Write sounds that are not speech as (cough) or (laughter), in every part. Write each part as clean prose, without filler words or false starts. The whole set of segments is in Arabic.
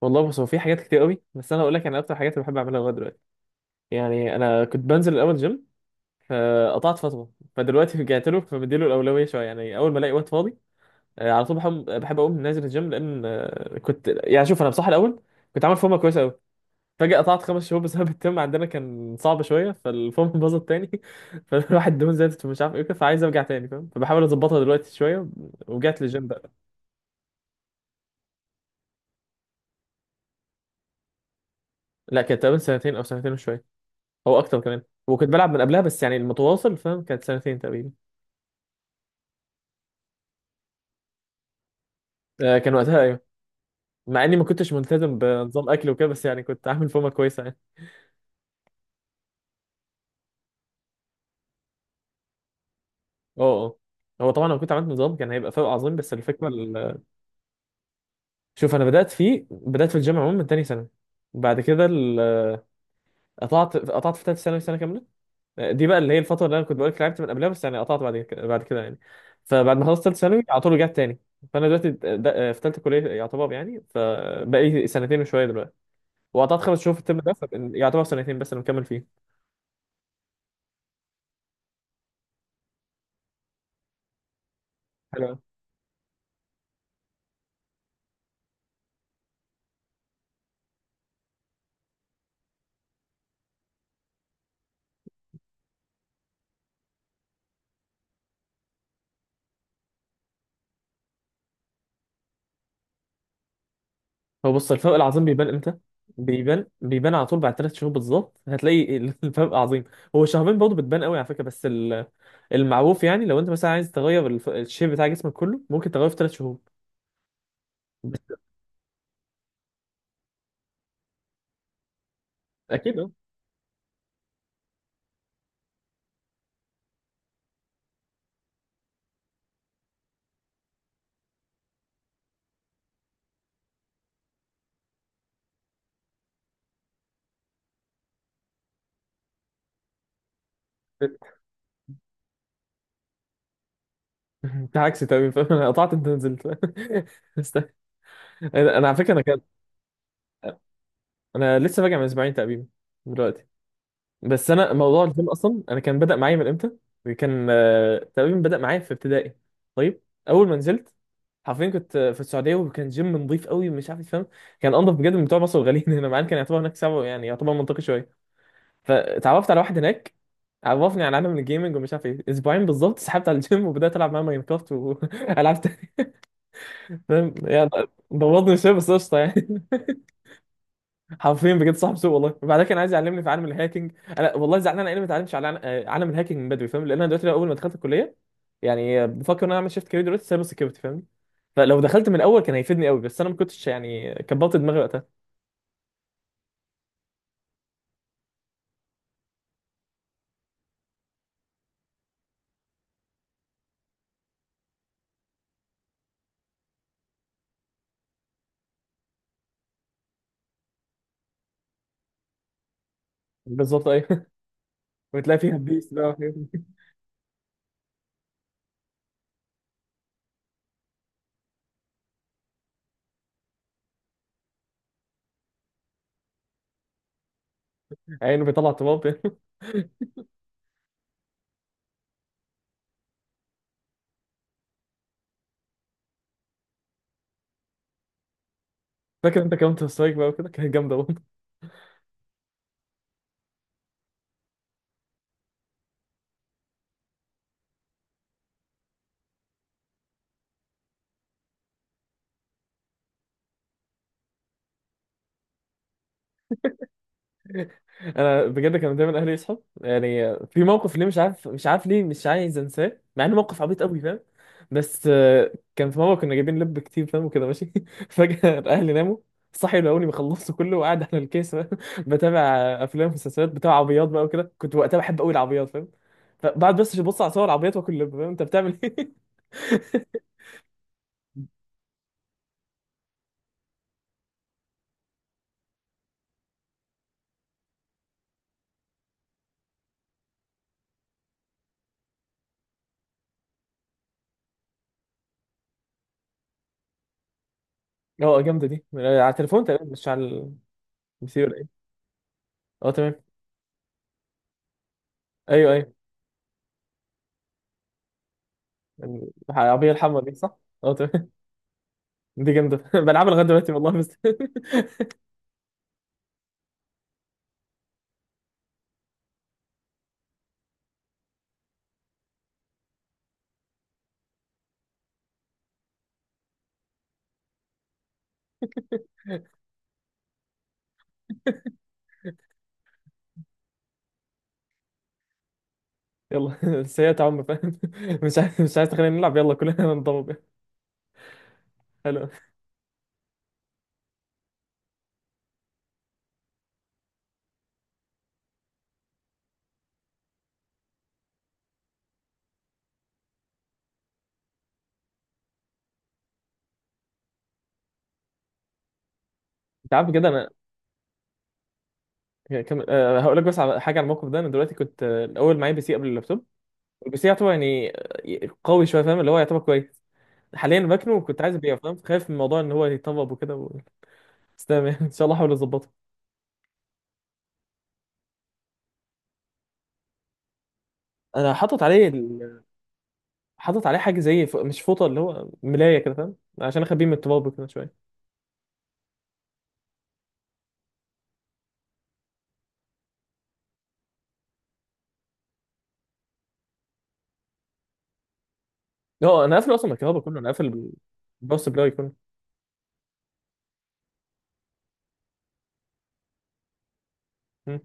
والله، بص. هو في حاجات كتير قوي، بس انا اقول لك، انا اكتر حاجات اللي بحب اعملها لغايه دلوقتي، يعني انا كنت بنزل الاول جيم. فقطعت فتره، فدلوقتي (laughs) رجعت له، فبديله الاولويه شويه، يعني اول ما الاقي وقت فاضي. على طول بحب اقوم نازل الجيم، لان كنت، يعني شوف، انا بصراحه الاول كنت عامل فورمه كويسه قوي. فجاه قطعت 5 شهور بسبب (laughs) الترم. عندنا كان صعب شويه، فالفورمه باظت تاني (laughs) فالواحد دهون زادت، ومش عارف ايه كده، فعايز ارجع تاني فاهم، فبحاول اظبطها دلوقتي شويه ورجعت للجيم بقى. لا، كانت تقريبا سنتين او سنتين وشويه. هو اكتر كمان. وكنت بلعب من قبلها، بس يعني المتواصل فاهم كانت سنتين تقريبا. آه، كان وقتها ايوه. مع اني ما كنتش ملتزم بنظام اكل وكده، بس يعني كنت عامل فورمه كويسه يعني. اه، اه. هو طبعا لو كنت عملت نظام كان هيبقى فرق عظيم، بس الفكره شوف، انا بدات في الجيم عموما من تاني سنه. بعد كده قطعت في ثالث ثانوي سنه كامله. دي بقى اللي هي الفتره اللي انا كنت بقول لك لعبت من قبلها، بس يعني قطعت بعد كده يعني. فبعد ما خلصت ثالث ثانوي على طول رجعت تاني. فانا دلوقتي في ثالثه كليه يعتبر يعني، فبقى لي سنتين وشويه دلوقتي. وقطعت 5 شهور في الترم ده يعتبر سنتين، بس انا مكمل فيه. حلو أوي. هو بص، الفرق العظيم بيبان امتى؟ بيبان على طول بعد 3 شهور بالظبط. هتلاقي (laughs) الفرق عظيم. هو شهرين برضه بتبان قوي على فكره، بس المعروف يعني، لو انت مثلا عايز تغير الشيب بتاع جسمك كله، ممكن تغيره في 3 شهور. بس اكيد، اه. (laughs) انت عكسي تمام فاهم؟ (laughs) انا قطعت، انت نزلت. (laughs) است- انا على فكره انا كده. انا لسه راجع من اسبوعين تقريبا دلوقتي. بس انا موضوع الجيم اصلا، انا كان بدأ معايا من امتى. كان تقريبا بدأ معايا في ابتدائي. طيب، اول ما نزلت حرفيا كنت في السعوديه، وكان جيم نظيف قوي مش عارف فاهم. كان انضف بجد من بتوع مصر الغاليين (laughs) هنا، مع إن كان يعتبر هناك سبعه يعني، يعتبر منطقي شويه. فتعرفت على واحد هناك، عرفني على عالم الجيمنج ومش عارف ايه. اسبوعين بالظبط سحبت على الجيم، وبدات العب معاه ماينكرافت والعب (laughs) تاني فاهم يعني. بوظني شويه بس قشطه يعني. حرفيا بجد صاحب سوء والله. وبعدها كان عايز يعلمني في عالم الهاكينج. انا والله زعلان، انا ليه ما اتعلمتش على عالم الهاكينج من بدري فاهم. لان انا دلوقتي اول ما دخلت الكليه، يعني بفكر ان انا اعمل شيفت كارير دلوقتي سايبر سكيورتي فاهم. فلو دخلت من الاول كان هيفيدني قوي، بس انا ما كنتش يعني، كبرت دماغي وقتها. بالظبط، ايوه. (laughs) وتلاقي فيها بيس بقى وحاجات دي. عينه بيطلع تراب (laughs) فاكر انت كمان سترايك بقى وكده، كانت جامده. انا بجد كانوا دايما اهلي يصحوا يعني. في موقف ليه، مش عارف ليه مش عايز انساه، مع انه موقف عبيط قوي فاهم. بس كان في مره كنا جايبين لب كتير فاهم وكده ماشي. (laughs) فجاه اهلي ناموا. صحي لقوني بخلصه كله وقاعد على الكيس فاهم؟ (laughs) بتابع افلام ومسلسلات بتاع عربيات بقى وكده. كنت وقتها بحب قوي العربيات فاهم. فبعد بس ببص على صور العربيات واكل لب، فاهم انت بتعمل ايه. (laughs) اه، جامده دي. على التليفون تقريبا، مش على البي سي ولا ايه. اه تمام، ايوه ايوه. العربيه الحمراء دي صح. اه تمام. دي جامدة (laughs) بلعبها لغاية دلوقتي والله، بس (laughs) يلا سيئة عم فاهم. (laughs) مش عايز تخلينا نلعب، يلا كلنا (laughs) ننضرب. حلو. انت عارف كده، انا كم... أه هقول لك بس على حاجة، على الموقف ده. انا دلوقتي كنت الاول معايا بي سي قبل اللابتوب. البي سي يعتبر يعني قوي شوية فاهم، اللي هو يعتبر كويس. حاليا باكنه وكنت عايز ابيعه فاهم، خايف من الموضوع ان هو يطبب وكده بس تمام يعني. (laughs) ان شاء الله احاول اظبطه. انا حاطط عليه حاطط عليه حاجة زي مش فوطة، اللي هو ملاية كده فاهم، عشان اخبيه من التراب كده شوية. هو انا قافل اصلا الكهرباء كله، انا قافل الباور سبلاي كله. مم.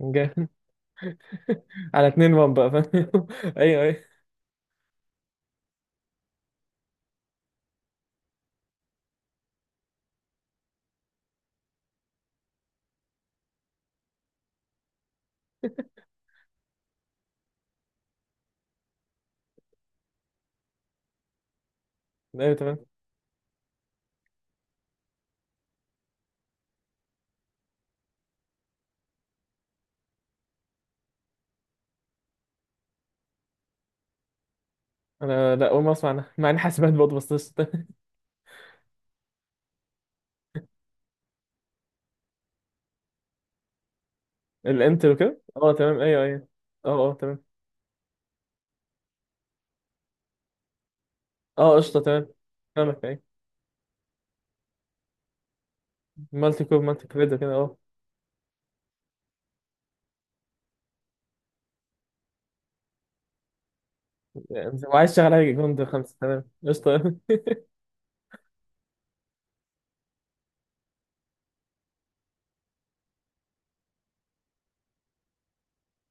جاي. (laughs) على اتنين وان بقى فاهم. (laughs) ايوه ايوه ايوه تمام. انا لا، اول ما اسمع عنها مع ان حاسبات برضه، بس قشطة. (laughs) الانتل وكده، اه تمام ايوه ايوه. اه اه تمام. اه قشطه تمام، فاهمك ايوه. مالتي كور مالتي كريد كده، اه. يعني وعايز شغال حاجه جوند 5، تمام قشطه. (laughs)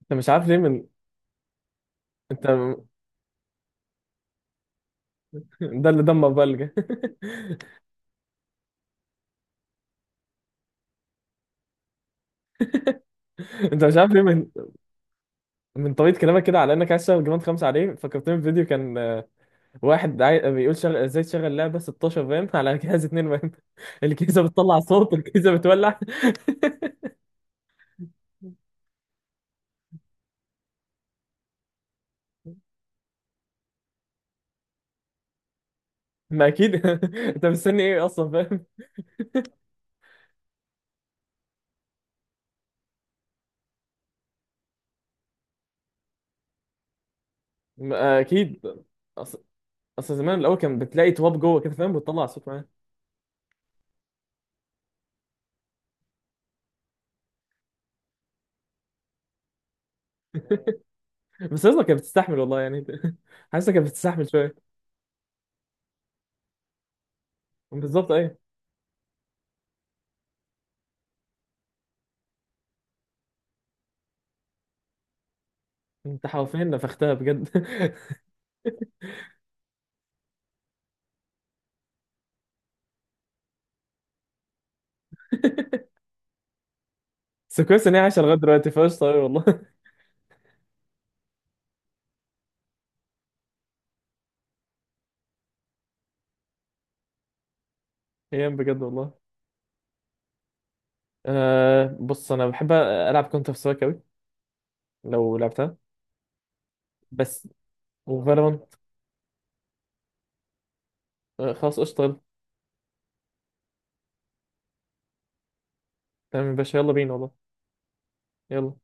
انت مش عارف ليه من، انت (laughs) ده اللي دمر بقى اللي جاي. (laughs) انت مش عارف ليه، من طريقه كلامك كده، على انك عايز تشتغل جراند 5 عليه، فكرتني بفيديو كان، واحد بيقول ازاي تشغل لعبه 16 فاهم، (laughs) على جهاز 2 فاهم. (laughs) الكيسه بتطلع صوت، الكيسه بتولع. ما اكيد. (laughs) انت مستني ايه اصلا فاهم. ما اكيد. اصل اصل زمان الاول كان بتلاقي تواب جوه كده فاهم، بتطلع صوت معاه. بس اصلا كانت بتستحمل والله يعني. (laughs) حاسه كانت بتستحمل شويه. بالظبط، ايه. انت حرفيا نفختها بجد. (laughs) بس كويس ان هي عايشه لغايه دلوقتي فاش، طيب والله. (laughs) ايام بجد والله. أه بص، انا بحب العب كونتر سترايك قوي لو لعبتها، بس وفالورانت. خلاص قشطة، يلا. تمام يا باشا، يلا بينا والله. يلا.